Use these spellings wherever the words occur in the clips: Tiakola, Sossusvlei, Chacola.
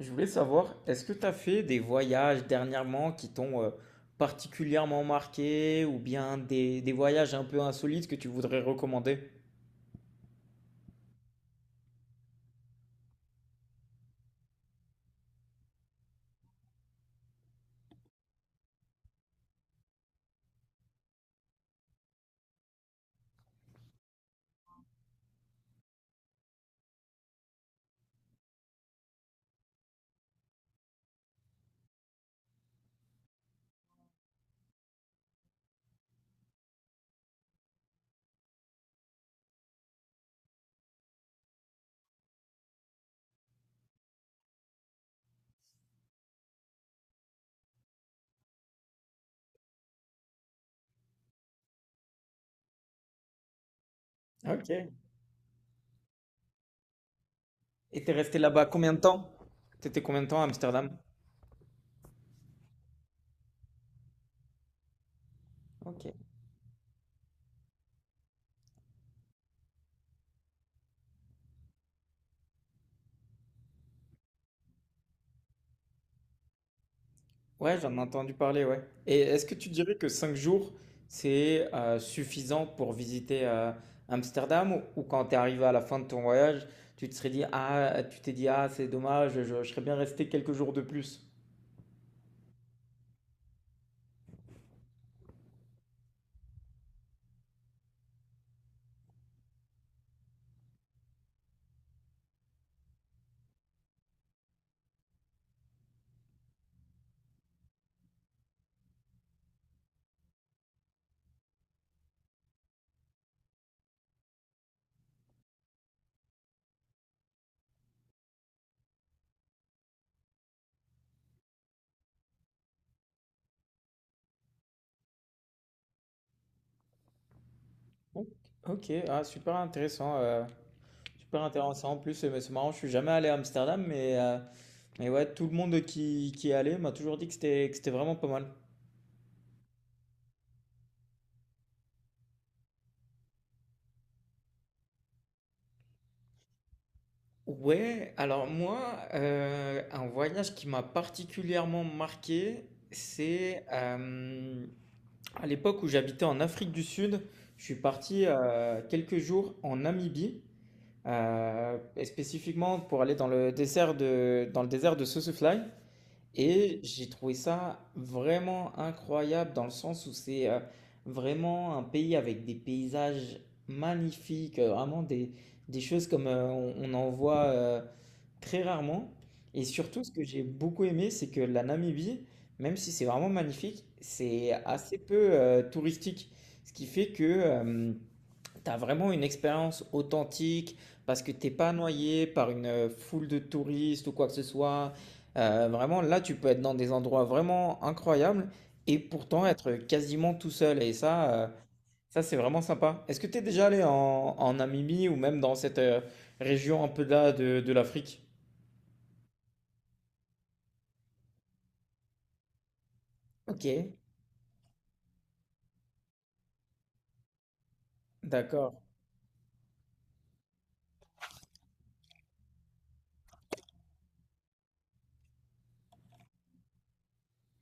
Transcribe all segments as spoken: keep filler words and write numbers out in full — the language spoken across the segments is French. Je voulais savoir, est-ce que tu as fait des voyages dernièrement qui t'ont euh, particulièrement marqué ou bien des, des voyages un peu insolites que tu voudrais recommander? Ok. Et t'es resté là-bas combien de temps? T'étais combien de temps à Amsterdam? Ok. Ouais, j'en ai entendu parler, ouais. Et est-ce que tu dirais que cinq jours, c'est euh, suffisant pour visiter euh, Amsterdam ou, ou quand t'es arrivé à la fin de ton voyage, tu te serais dit, ah, tu t'es dit, ah, c'est dommage, je, je serais bien resté quelques jours de plus? Ok, ok. Ah, super intéressant. euh, super intéressant. En plus, euh, c'est marrant, je suis jamais allé à Amsterdam, mais, euh, mais ouais, tout le monde qui, qui est allé m'a toujours dit que c'était que c'était vraiment pas mal. Ouais, alors moi, euh, un voyage qui m'a particulièrement marqué, c'est euh, à l'époque où j'habitais en Afrique du Sud, je suis parti euh, quelques jours en Namibie, euh, et spécifiquement pour aller dans le désert de, dans le désert de Sossusvlei. Et j'ai trouvé ça vraiment incroyable dans le sens où c'est euh, vraiment un pays avec des paysages magnifiques, euh, vraiment des, des choses comme euh, on, on en voit euh, très rarement. Et surtout, ce que j'ai beaucoup aimé, c'est que la Namibie, même si c'est vraiment magnifique, c'est assez peu euh, touristique. Ce qui fait que euh, T'as vraiment une expérience authentique parce que t'es pas noyé par une euh, foule de touristes ou quoi que ce soit. Euh, vraiment, là, tu peux être dans des endroits vraiment incroyables et pourtant être quasiment tout seul. Et ça, euh, ça c'est vraiment sympa. Est-ce que t'es déjà allé en, en Namibie ou même dans cette euh, région un peu là de, de l'Afrique? Ok, d'accord.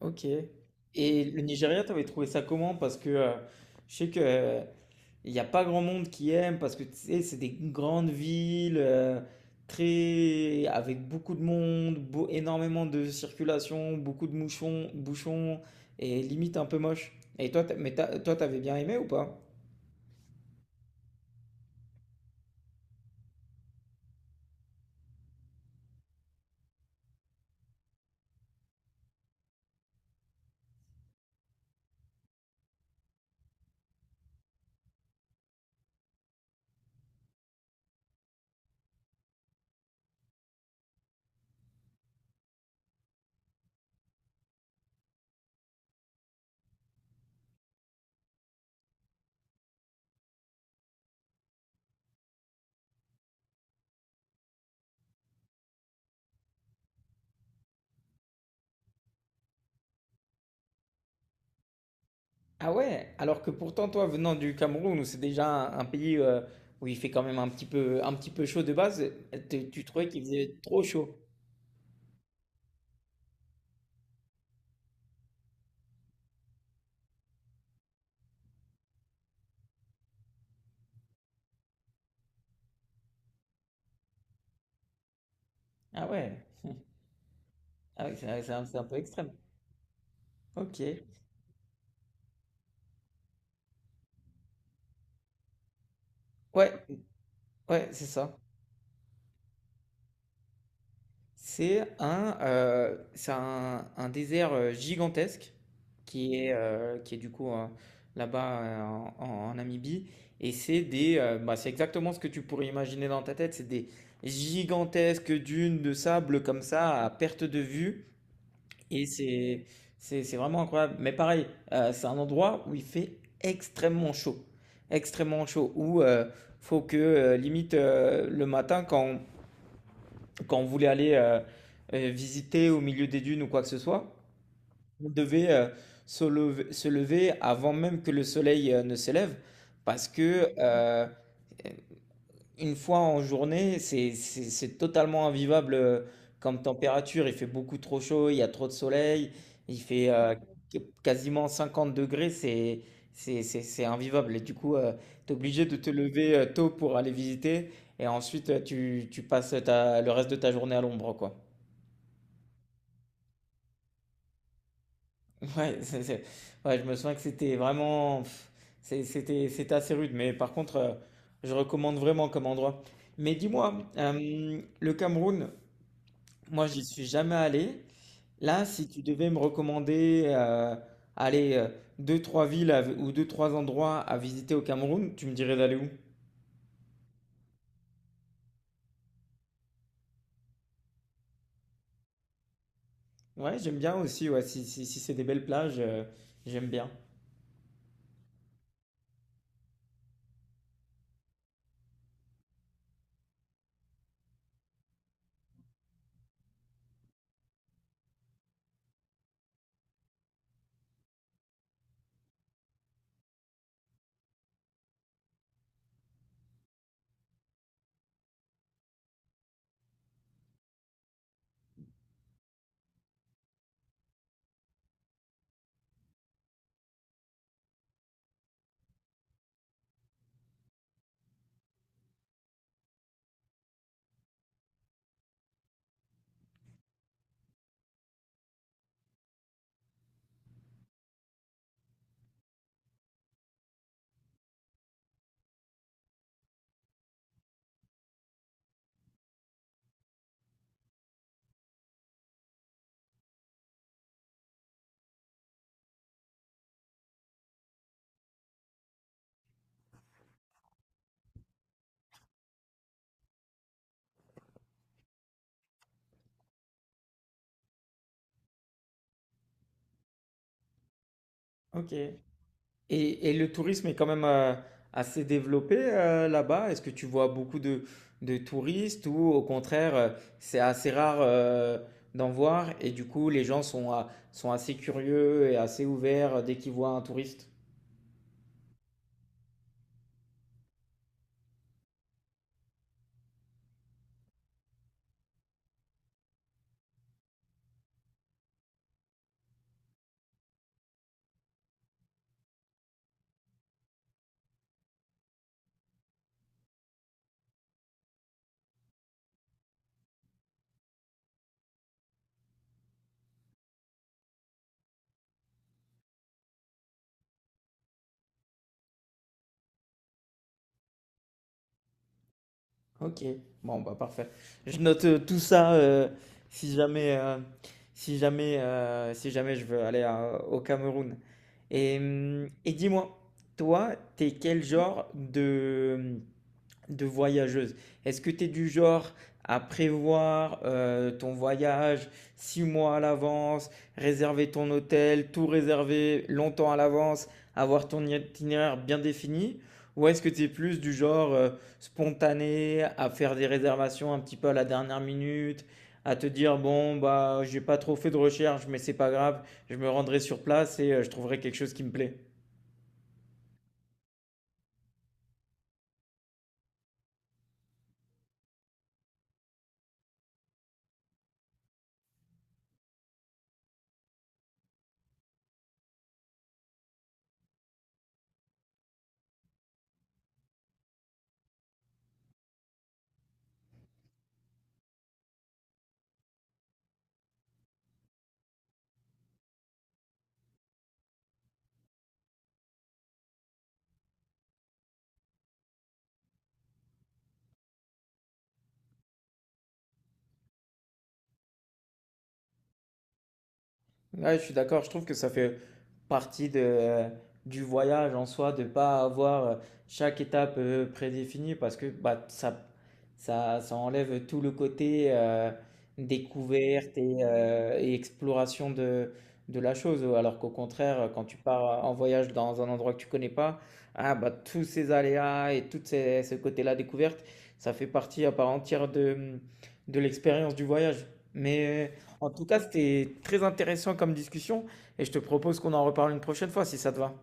Ok. Et le Nigeria, t'avais trouvé ça comment? Parce que euh, je sais que euh, il n'y a pas grand monde qui aime parce que tu sais, c'est des grandes villes euh, très avec beaucoup de monde, beau- énormément de circulation, beaucoup de mouchons, bouchons et limite un peu moche. Et toi, t'a- mais t'a- toi, t'avais bien aimé ou pas? Ah ouais, alors que pourtant toi venant du Cameroun où c'est déjà un, un pays euh, où il fait quand même un petit peu un petit peu chaud de base, tu, tu trouvais qu'il faisait trop chaud. Ah ouais. Ah oui, c'est c'est un, c'est un peu extrême. Ok. Ouais, ouais, c'est ça. C'est un, euh, c'est un, un désert euh, gigantesque qui est, euh, qui est du coup euh, là-bas euh, en, en- en Namibie. Et c'est des, euh, bah, c'est exactement ce que tu pourrais imaginer dans ta tête. C'est des gigantesques dunes de sable comme ça à perte de vue. Et c'est, c'est, c'est vraiment incroyable. Mais pareil, euh, c'est un endroit où il fait extrêmement chaud. Extrêmement chaud. Où euh, faut que, euh, limite, euh, le matin, quand, quand on voulait aller euh, euh, visiter au milieu des dunes ou quoi que ce soit, on devait euh, se lever, se lever avant même que le soleil euh, ne se lève. Parce que euh, une fois en journée, c'est c'est- c'est totalement invivable euh, comme température. Il fait beaucoup trop chaud, il y a trop de soleil, il fait euh, qu- quasiment cinquante degrés, c'est c'est- c'est- c'est invivable. Et du coup, tu es obligé de te lever euh, tôt pour aller visiter et ensuite euh, tu, tu passes ta- le reste de ta journée à l'ombre, quoi. Ouais, c'est- c'est- ouais, je me souviens que c'était vraiment... pff, c'est- C'était c'était assez rude, mais par contre, euh, je recommande vraiment comme endroit. Mais dis-moi, euh, le Cameroun... Moi, j'y suis jamais allé. Là, si tu devais me recommander, euh, allez, euh, deux, trois villes à- ou deux, trois endroits à visiter au Cameroun, tu me dirais d'aller où? Ouais, j'aime bien aussi, ouais, si, si, si c'est des belles plages, euh, j'aime bien. Ok. Et, et le tourisme est quand même euh, assez développé euh, là-bas. Est-ce que tu vois beaucoup de, de touristes ou au contraire, euh, c'est assez rare euh, d'en voir et du coup, les gens sont, à- sont assez curieux et assez ouverts dès qu'ils voient un touriste? Ok, bon bah parfait. Je note euh, tout ça euh, si jamais, euh, si jamais, euh, si jamais je veux aller à- au Cameroun. Et, hum, et dis-moi, toi, t'es quel genre de, hum, de voyageuse. Est-ce que tu es du genre à prévoir euh, ton voyage six mois à l'avance, réserver ton hôtel, tout réserver longtemps à l'avance, avoir ton itinéraire bien défini? Ou est-ce que tu es plus du genre euh, spontané à faire des réservations un petit peu à la dernière minute, à te dire bon bah j'ai pas trop fait de recherche mais c'est pas grave, je me rendrai sur place et euh, je trouverai quelque chose qui me plaît. Ouais, je suis d'accord, je trouve que ça fait partie de, euh, du voyage en soi, de pas avoir euh, chaque étape euh, prédéfinie parce que bah, ça, ça, ça enlève tout le côté euh, découverte et, euh, et exploration de, de la chose. Alors qu'au contraire, quand tu pars en voyage dans un endroit que tu connais pas, ah, bah, tous ces aléas et tout ces, ce côté-là découverte, ça fait partie à part entière de, de l'expérience du voyage. Mais euh, en tout cas, c'était très intéressant comme discussion. Et je te propose qu'on en reparle une prochaine fois si ça te va.